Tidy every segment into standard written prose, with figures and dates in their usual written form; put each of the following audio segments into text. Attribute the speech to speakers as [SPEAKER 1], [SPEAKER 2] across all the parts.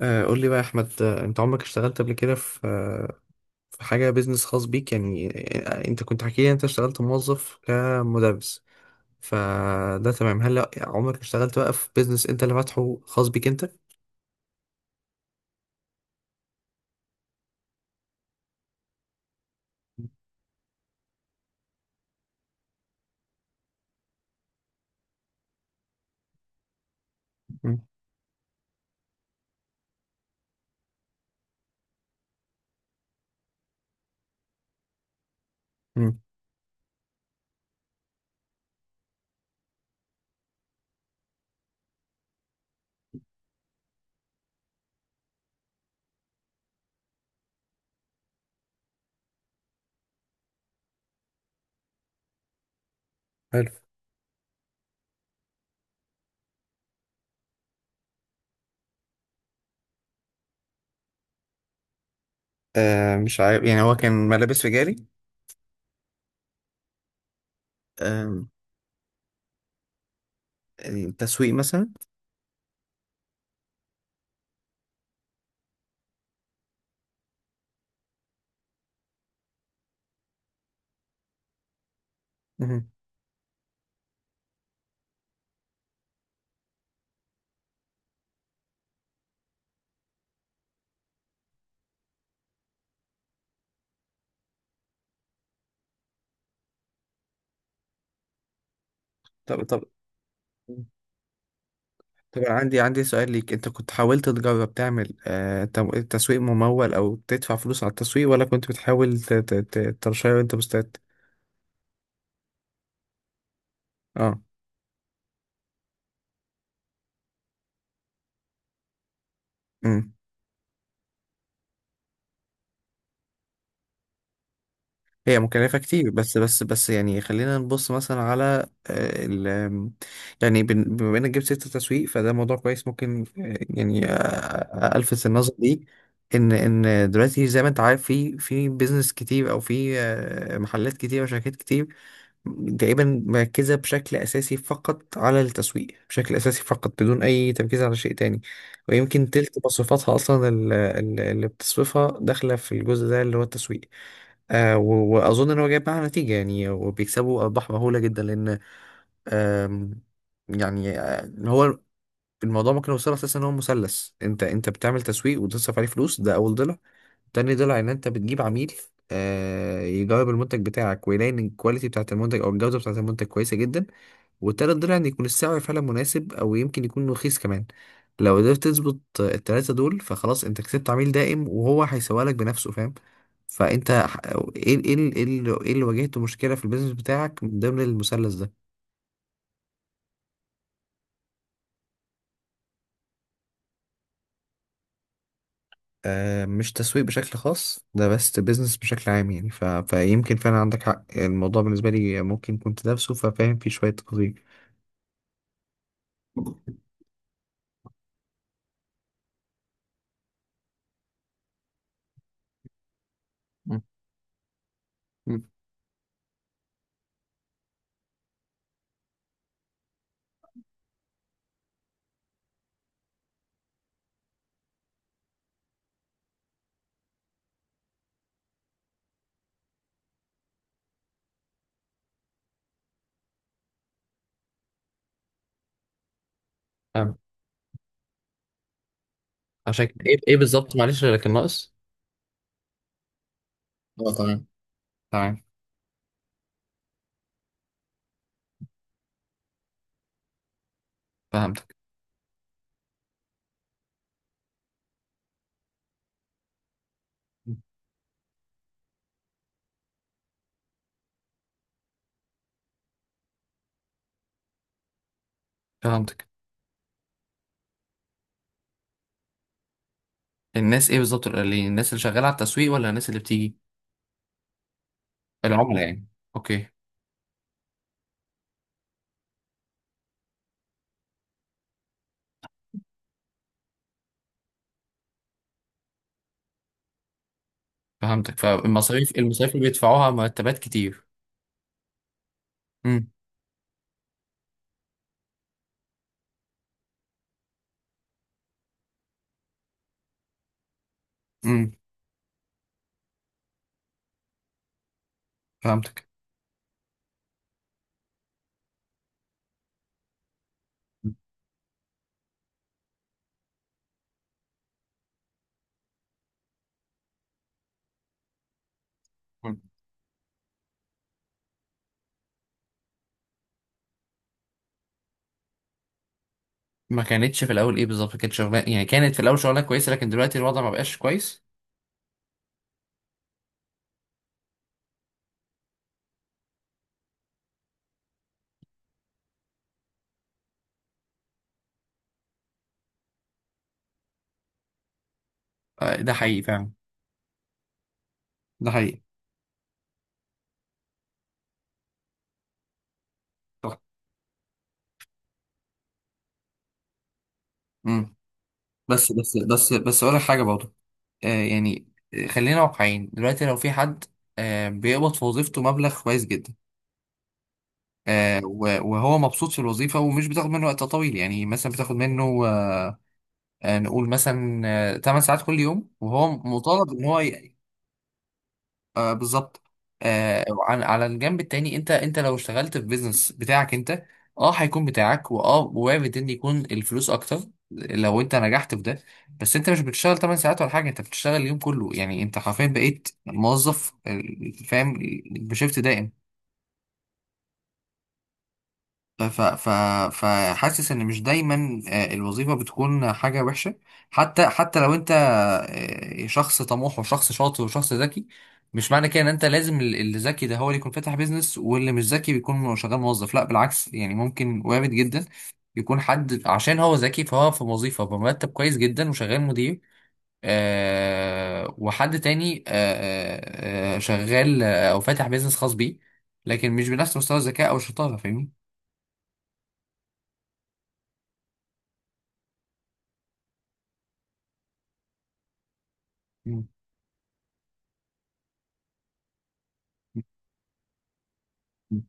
[SPEAKER 1] قول لي بقى يا احمد، انت عمرك اشتغلت قبل كده في حاجه بيزنس خاص بيك يعني. انت كنت حكي لي انت اشتغلت موظف كمدرس. فده تمام. هل عمرك اشتغلت بقى في بيزنس انت اللي فاتحه خاص بيك انت؟ مم. مم. حلو. مش عارف يعني هو كان ملابس رجالي. آه تسويق مثلا؟ مهم. طب طب، أنا عندي سؤال ليك، انت كنت حاولت تجرب تعمل تسويق ممول او تدفع فلوس على التسويق، ولا كنت بتحاول ترشيه وانت مستعد؟ اه. امم هي مكلفة كتير، بس بس يعني خلينا نبص مثلا على آه، ال آم، يعني، بما انك جبت سيرة التسويق، فده موضوع كويس ممكن يعني الفت النظر ليه. ان دلوقتي زي ما انت عارف، في بيزنس كتير او في محلات كتير وشركات كتير تقريبا مركزة بشكل اساسي فقط على التسويق، بشكل اساسي فقط بدون اي تركيز على شيء تاني، ويمكن تلت مصروفاتها اصلا اللي بتصرفها داخلة في الجزء ده اللي هو التسويق. واظن ان هو جايب معاه نتيجه يعني، وبيكسبوا ارباح مهوله جدا، لان آم، يعني هو الموضوع ممكن يوصل اساسا ان هو مثلث. انت بتعمل تسويق وتصرف عليه فلوس، ده اول ضلع. تاني ضلع ان انت بتجيب عميل يجرب المنتج بتاعك ويلاقي ان الكواليتي بتاعت المنتج او الجوده بتاعت المنتج كويسه جدا. والتالت ضلع ان يكون السعر فعلا مناسب او يمكن يكون رخيص كمان. لو قدرت تظبط التلاتة دول فخلاص انت كسبت عميل دائم وهو هيسوق لك بنفسه، فاهم؟ فانت ح- ايه اللي واجهته مشكلة في البيزنس بتاعك من ضمن المثلث ده؟ مش تسويق بشكل خاص ده، بس بيزنس بشكل عام يعني. فيمكن فعلا عندك حق، الموضوع بالنسبة لي ممكن كنت دارسه ففاهم فيه شوية تفاصيل. مم. مم. فاهم. عشان كده ايه؟ بذلك الناقص. اه تمام. تمام. فهمتك. فهمتك. الناس ايه بالظبط، الناس اللي شغاله على التسويق ولا الناس اللي بتيجي؟ العملاء يعني. اوكي. فهمتك، فالمصاريف، اللي بيدفعوها مرتبات كتير. امم امم فهمتك. مم. ما كانتش في الاول ايه بالظبط؟ كانت شغلانه يعني كانت في الاول شغلانه كويسه، لكن دلوقتي الوضع ما بقاش كويس؟ ده حقيقي فعلا. ده حقيقي. صح. امم بس اقول لك حاجه برضه. يعني خلينا واقعيين دلوقتي. لو في حد بيقبض في وظيفته مبلغ كويس جدا، وهو مبسوط في الوظيفة ومش بتاخد منه وقت طويل، يعني مثلا بتاخد منه نقول مثلا 8 ساعات كل يوم، وهو مطالب ان هو بالظبط. على الجنب التاني، انت لو اشتغلت في بيزنس بتاعك انت، اه هيكون بتاعك، واه وارد ان يكون الفلوس اكتر لو انت نجحت في ده، بس انت مش بتشتغل 8 ساعات ولا حاجة، انت بتشتغل اليوم كله، يعني انت حرفيا بقيت موظف فاهم، بشيفت دائم. ف ف فحاسس ان مش دايما الوظيفه بتكون حاجه وحشه. حتى لو انت شخص طموح وشخص شاطر وشخص ذكي، مش معنى كده ان انت لازم اللي ذكي ده هو اللي يكون فاتح بيزنس واللي مش ذكي بيكون شغال موظف. لا بالعكس، يعني ممكن وارد جدا يكون حد عشان هو ذكي فهو في وظيفه بمرتب كويس جدا وشغال مدير، وحد تاني شغال او فاتح بيزنس خاص بيه، لكن مش بنفس مستوى الذكاء او الشطاره، فاهمني؟ مم. مم.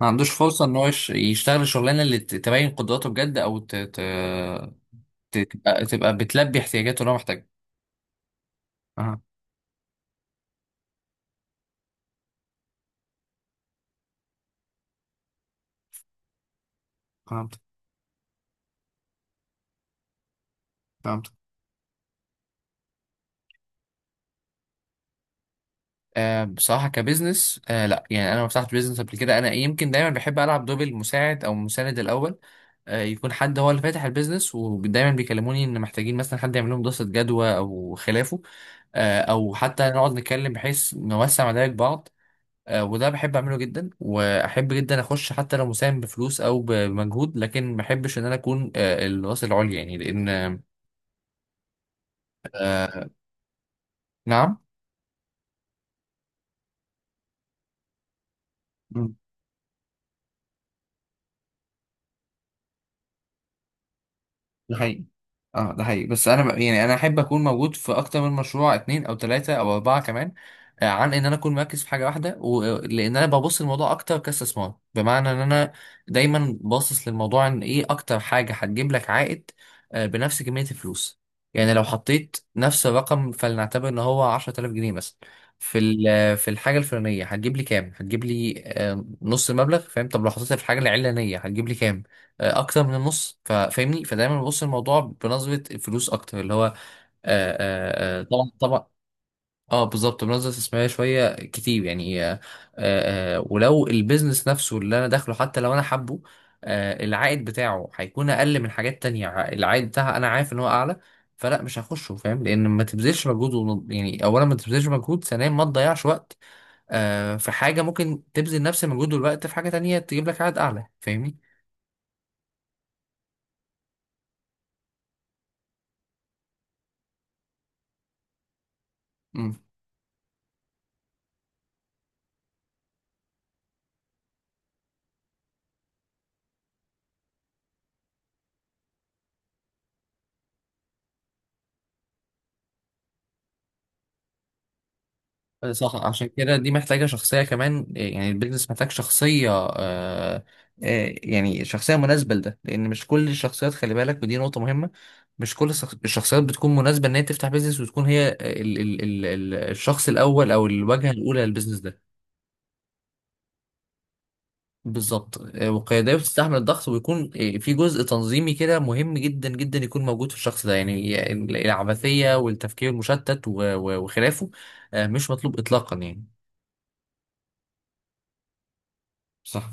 [SPEAKER 1] ما عندوش فرصة ان هو يشتغل الشغلانة اللي تبين قدراته بجد، او تبقى بتلبي احتياجاته اللي هو محتاجها. اها. فهمت. فهمت. بصراحة كبزنس، لا، يعني أنا ما فتحت بزنس قبل كده، أنا يمكن دايما بحب ألعب دور المساعد أو المساند الأول. يكون حد هو اللي فاتح البيزنس ودايما بيكلموني إن محتاجين مثلا حد يعمل لهم دراسة جدوى أو خلافه، أو حتى نقعد نتكلم بحيث نوسع مدارك بعض. وده بحب اعمله جدا، واحب جدا اخش حتى لو مساهم بفلوس او بمجهود، لكن ما احبش ان انا اكون الراس العليا يعني، لان آه، نعم. ده حقيقي. اه، ده حقيقي، بس انا يعني انا احب اكون موجود في اكتر من مشروع، اتنين او تلاتة او اربعة كمان، عن ان انا اكون مركز في حاجة واحدة، لان انا ببص للموضوع اكتر كاستثمار، بمعنى ان انا دايما باصص للموضوع ان ايه اكتر حاجة هتجيب لك عائد بنفس كمية الفلوس. يعني لو حطيت نفس الرقم، فلنعتبر ان هو 10,000 جنيه مثلا، في في الحاجة الفلانية، هتجيب لي كام؟ هتجيب لي نص المبلغ، فاهم؟ طب لو حطيتها في الحاجة العلانية، هتجيب لي كام؟ اكتر من النص، فاهمني؟ فدايما ببص الموضوع بنظره الفلوس اكتر اللي هو طبعا طبعا. اه بالظبط، بنظره استثماريه شويه كتير يعني، ولو البيزنس نفسه اللي انا داخله، حتى لو انا حابه، العائد بتاعه هيكون اقل من حاجات تانية، العائد بتاعها انا عارف ان هو اعلى، فلا مش هخشه، فاهم؟ لان ما تبذلش مجهود، يعني اولا ما تبذلش مجهود، ثانيا ما تضيعش وقت، في حاجه ممكن تبذل نفس المجهود والوقت في حاجه تانية تجيب لك عائد اعلى، فاهمني؟ صح. عشان كده دي محتاجة شخصية كمان، يعني البيزنس محتاج شخصية يعني شخصية مناسبة لده، لأن مش كل الشخصيات، خلي بالك ودي نقطة مهمة، مش كل الشخصيات بتكون مناسبة إن هي تفتح بيزنس وتكون هي ال ال ال ال الشخص الأول أو الواجهة الأولى للبيزنس ده. بالظبط. والقيادية بتستحمل الضغط ويكون في جزء تنظيمي كده مهم جدا جدا يكون موجود في الشخص ده، يعني العبثية والتفكير المشتت وخلافه مش مطلوب إطلاقا يعني. صح.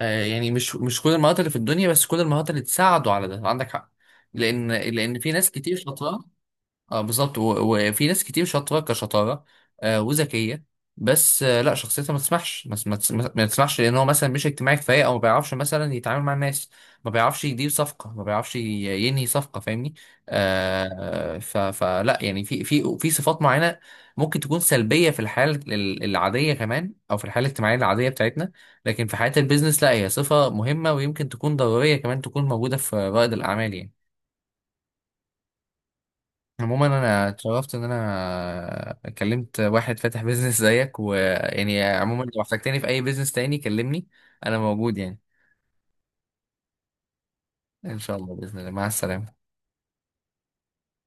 [SPEAKER 1] يعني مش كل المهارات اللي في الدنيا، بس كل المهارات اللي تساعده على ده، عندك حق، لان في ناس كتير شاطره. اه بالظبط، وفي ناس كتير شاطره كشطاره وذكيه، بس لا شخصيتها ما تسمحش، ما تسمحش، لان هو مثلا مش اجتماعي كفايه او ما بيعرفش مثلا يتعامل مع الناس، ما بيعرفش يدير صفقه، ما بيعرفش ينهي صفقه، فاهمني؟ آه ف فلا يعني في صفات معينه ممكن تكون سلبيه في الحياه العاديه كمان او في الحياه الاجتماعيه العاديه بتاعتنا، لكن في حياه البيزنس لا، هي صفه مهمه ويمكن تكون ضروريه كمان تكون موجوده في رائد الاعمال يعني. عموما انا اتشرفت ان انا كلمت واحد فاتح بيزنس زيك، ويعني عموما لو احتجتني في اي بيزنس تاني كلمني، انا موجود يعني. ان شاء الله، باذن الله، مع السلامه.